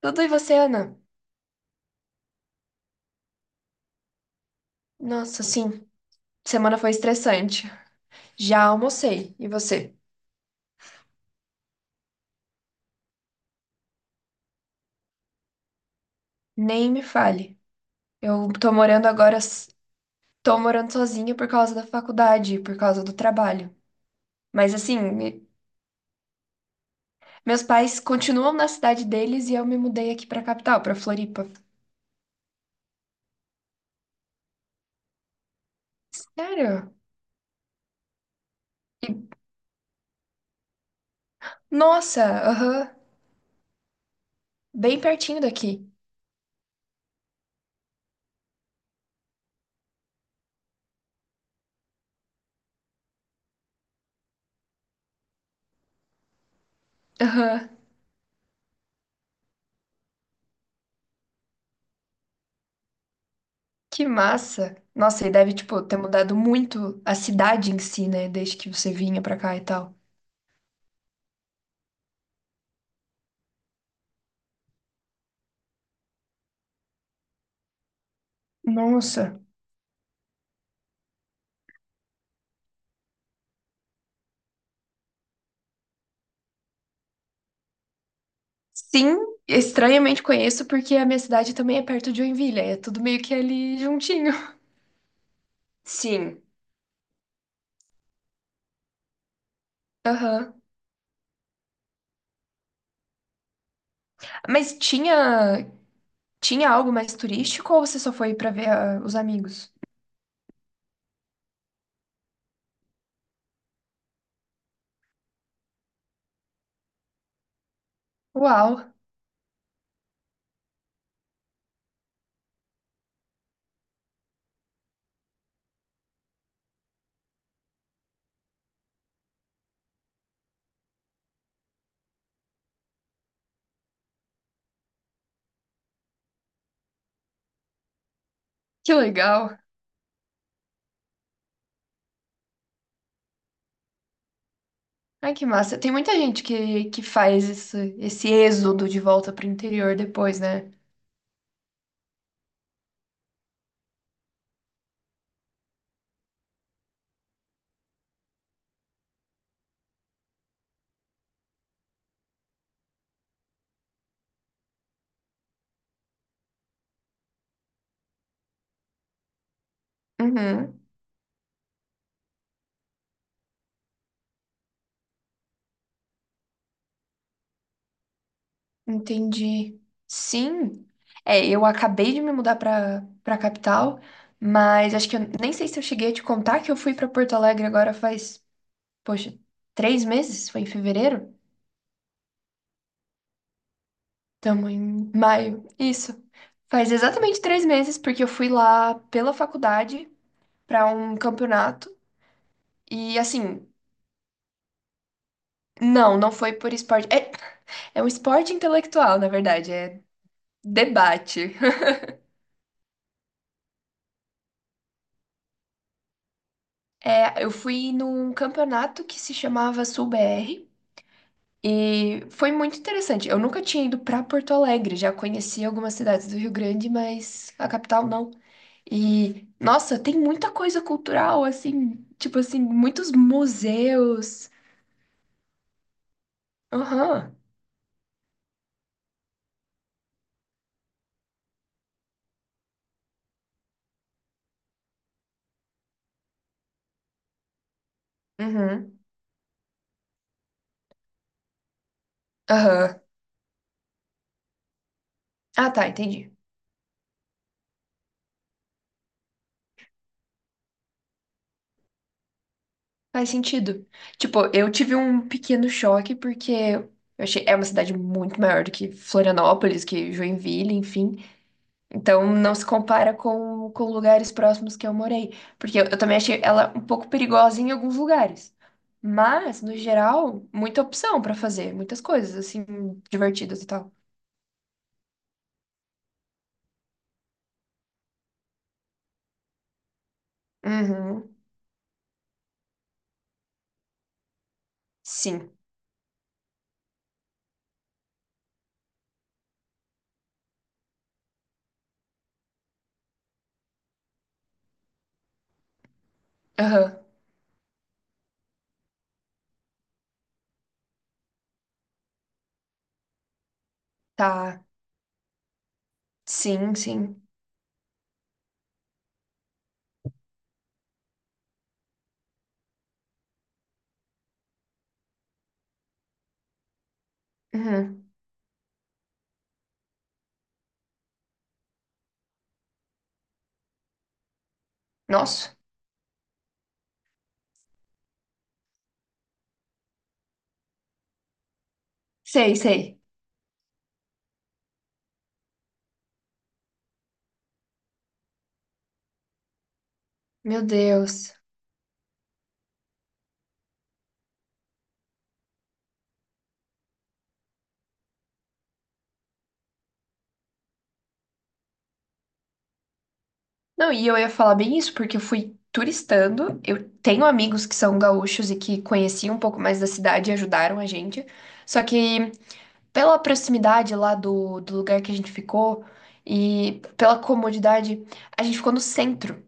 Tudo e você, Ana? Nossa, sim. Semana foi estressante. Já almocei. E você? Nem me fale. Eu tô morando agora, tô morando sozinha por causa da faculdade, por causa do trabalho. Mas assim, meus pais continuam na cidade deles e eu me mudei aqui pra capital, pra Floripa. Sério? E- Nossa, aham. Bem pertinho daqui. Aham. Que massa. Nossa, e deve, tipo, ter mudado muito a cidade em si, né? Desde que você vinha pra cá e tal. Nossa. Sim, estranhamente conheço porque a minha cidade também é perto de Joinville, é tudo meio que ali juntinho. Sim. Aham. Mas tinha algo mais turístico ou você só foi pra ver os amigos? Uau, que legal. Ai, que massa. Tem muita gente que faz esse êxodo de volta pro interior depois, né? Uhum. Entendi. Sim. É, eu acabei de me mudar para capital, mas acho que eu nem sei se eu cheguei a te contar que eu fui para Porto Alegre agora faz, poxa, 3 meses? Foi em fevereiro? Estamos em maio. Isso. Faz exatamente 3 meses, porque eu fui lá pela faculdade para um campeonato. E assim, não foi por esporte. É um esporte intelectual, na verdade, é debate. É, eu fui num campeonato que se chamava sul r e foi muito interessante. Eu nunca tinha ido para Porto Alegre, já conheci algumas cidades do Rio Grande, mas a capital não. E, nossa, tem muita coisa cultural, assim, tipo assim, muitos museus. Aham, uhum, aham. Ah, tá, entendi. Faz sentido. Tipo, eu tive um pequeno choque porque eu achei, é uma cidade muito maior do que Florianópolis, que Joinville, enfim. Então, não se compara com lugares próximos que eu morei. Porque eu também achei ela um pouco perigosa em alguns lugares. Mas, no geral, muita opção pra fazer. Muitas coisas, assim, divertidas e tal. Uhum. Sim. Aham. Tá. Sim, sim. Uhum. Nossa. Sei, sei. Meu Deus. Não, e eu ia falar bem isso, porque eu fui turistando. Eu tenho amigos que são gaúchos e que conheciam um pouco mais da cidade e ajudaram a gente. Só que pela proximidade lá do lugar que a gente ficou e pela comodidade, a gente ficou no centro.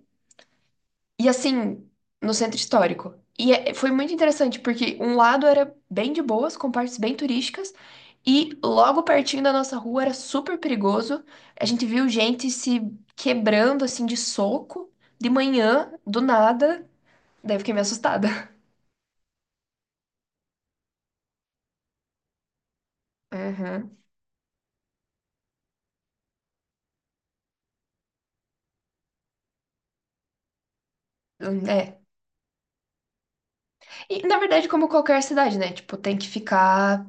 E assim, no centro histórico. E foi muito interessante, porque um lado era bem de boas, com partes bem turísticas, e logo pertinho da nossa rua era super perigoso. A gente viu gente se quebrando assim de soco de manhã, do nada. Daí eu fiquei meio assustada. Uhum. É. E, na verdade, como qualquer cidade, né? Tipo, tem que ficar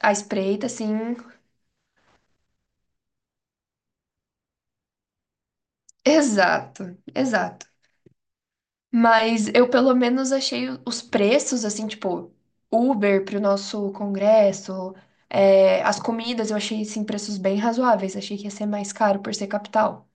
à espreita, assim. Exato, exato. Mas eu pelo menos achei os preços, assim, tipo, Uber para o nosso congresso, é, as comidas eu achei, assim, preços bem razoáveis. Achei que ia ser mais caro por ser capital.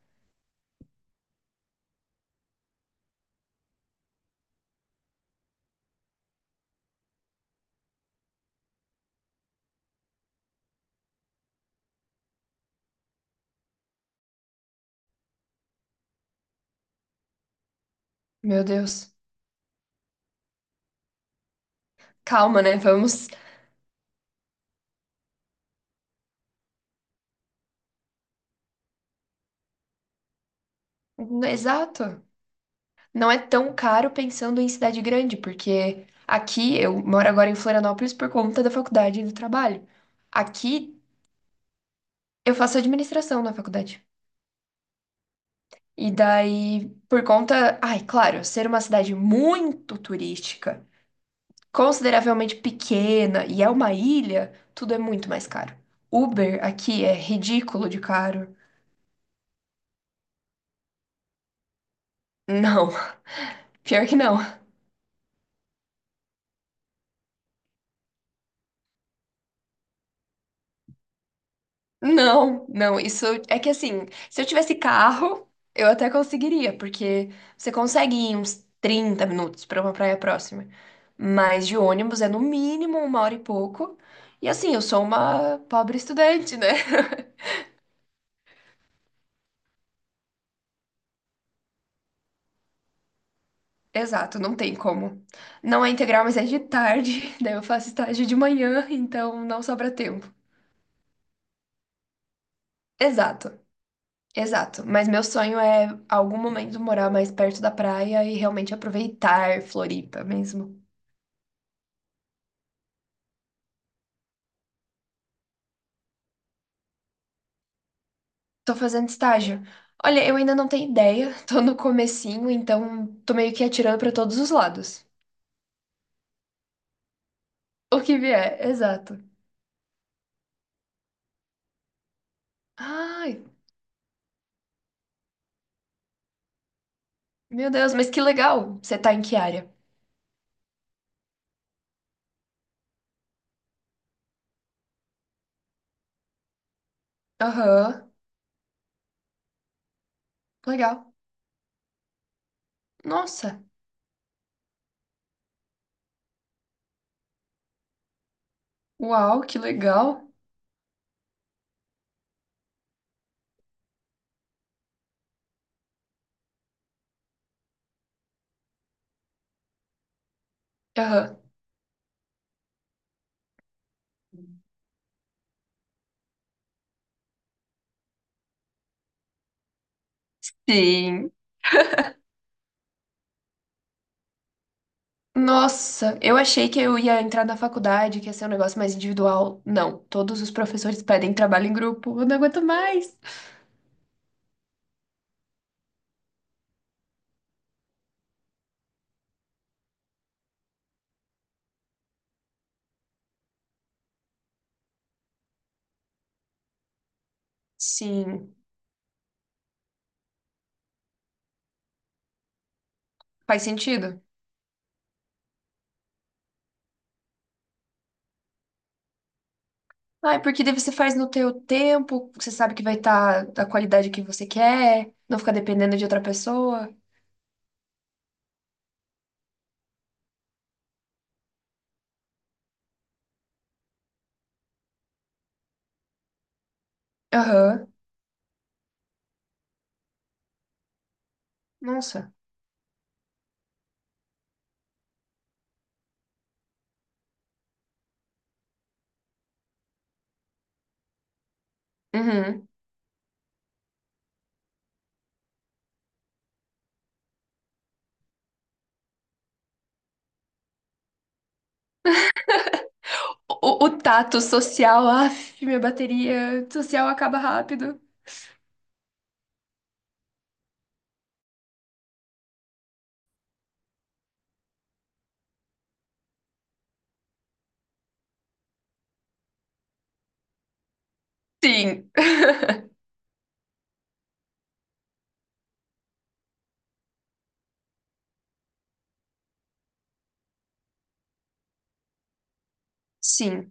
Meu Deus. Calma, né? Vamos. Exato. Não é tão caro pensando em cidade grande, porque aqui eu moro agora em Florianópolis por conta da faculdade e do trabalho. Aqui eu faço administração na faculdade. E daí, por conta, ai, claro, ser uma cidade muito turística, consideravelmente pequena e é uma ilha, tudo é muito mais caro. Uber aqui é ridículo de caro. Não, pior que não. Não, isso é que assim, se eu tivesse carro, eu até conseguiria, porque você consegue ir uns 30 minutos para uma praia próxima. Mas de ônibus é no mínimo uma hora e pouco. E assim, eu sou uma pobre estudante, né? Exato, não tem como. Não é integral, mas é de tarde, daí eu faço estágio de manhã, então não sobra tempo. Exato, exato. Mas meu sonho é algum momento morar mais perto da praia e realmente aproveitar Floripa mesmo. Tô fazendo estágio. Olha, eu ainda não tenho ideia, tô no comecinho, então tô meio que atirando pra todos os lados. O que vier, exato. Ai, meu Deus, mas que legal. Você tá em que área? Aham, legal. Nossa, uau, que legal. Aham. Sim. Nossa, eu achei que eu ia entrar na faculdade, que ia ser um negócio mais individual. Não, todos os professores pedem trabalho em grupo. Eu não aguento mais. Sim, faz sentido. Ah, porque daí você faz no teu tempo, você sabe que vai estar da qualidade que você quer, não fica dependendo de outra pessoa. Aham. Nossa. Uhum. O tato social, af, minha bateria social acaba rápido. Sim. Sim.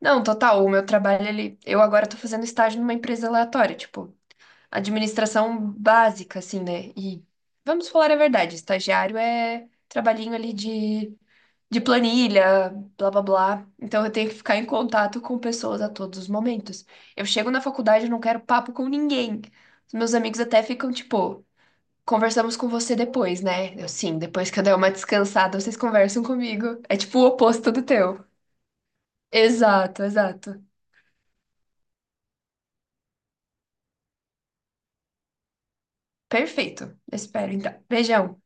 Não, total, o meu trabalho, ele, eu agora tô fazendo estágio numa empresa aleatória, tipo, administração básica, assim, né? E vamos falar a verdade, estagiário é trabalhinho ali de planilha, blá blá blá. Então eu tenho que ficar em contato com pessoas a todos os momentos. Eu chego na faculdade, e não quero papo com ninguém. Os meus amigos até ficam, tipo, conversamos com você depois, né? Eu, sim, depois que eu der uma descansada, vocês conversam comigo. É tipo o oposto do teu. Exato, exato. Perfeito. Espero, então. Beijão.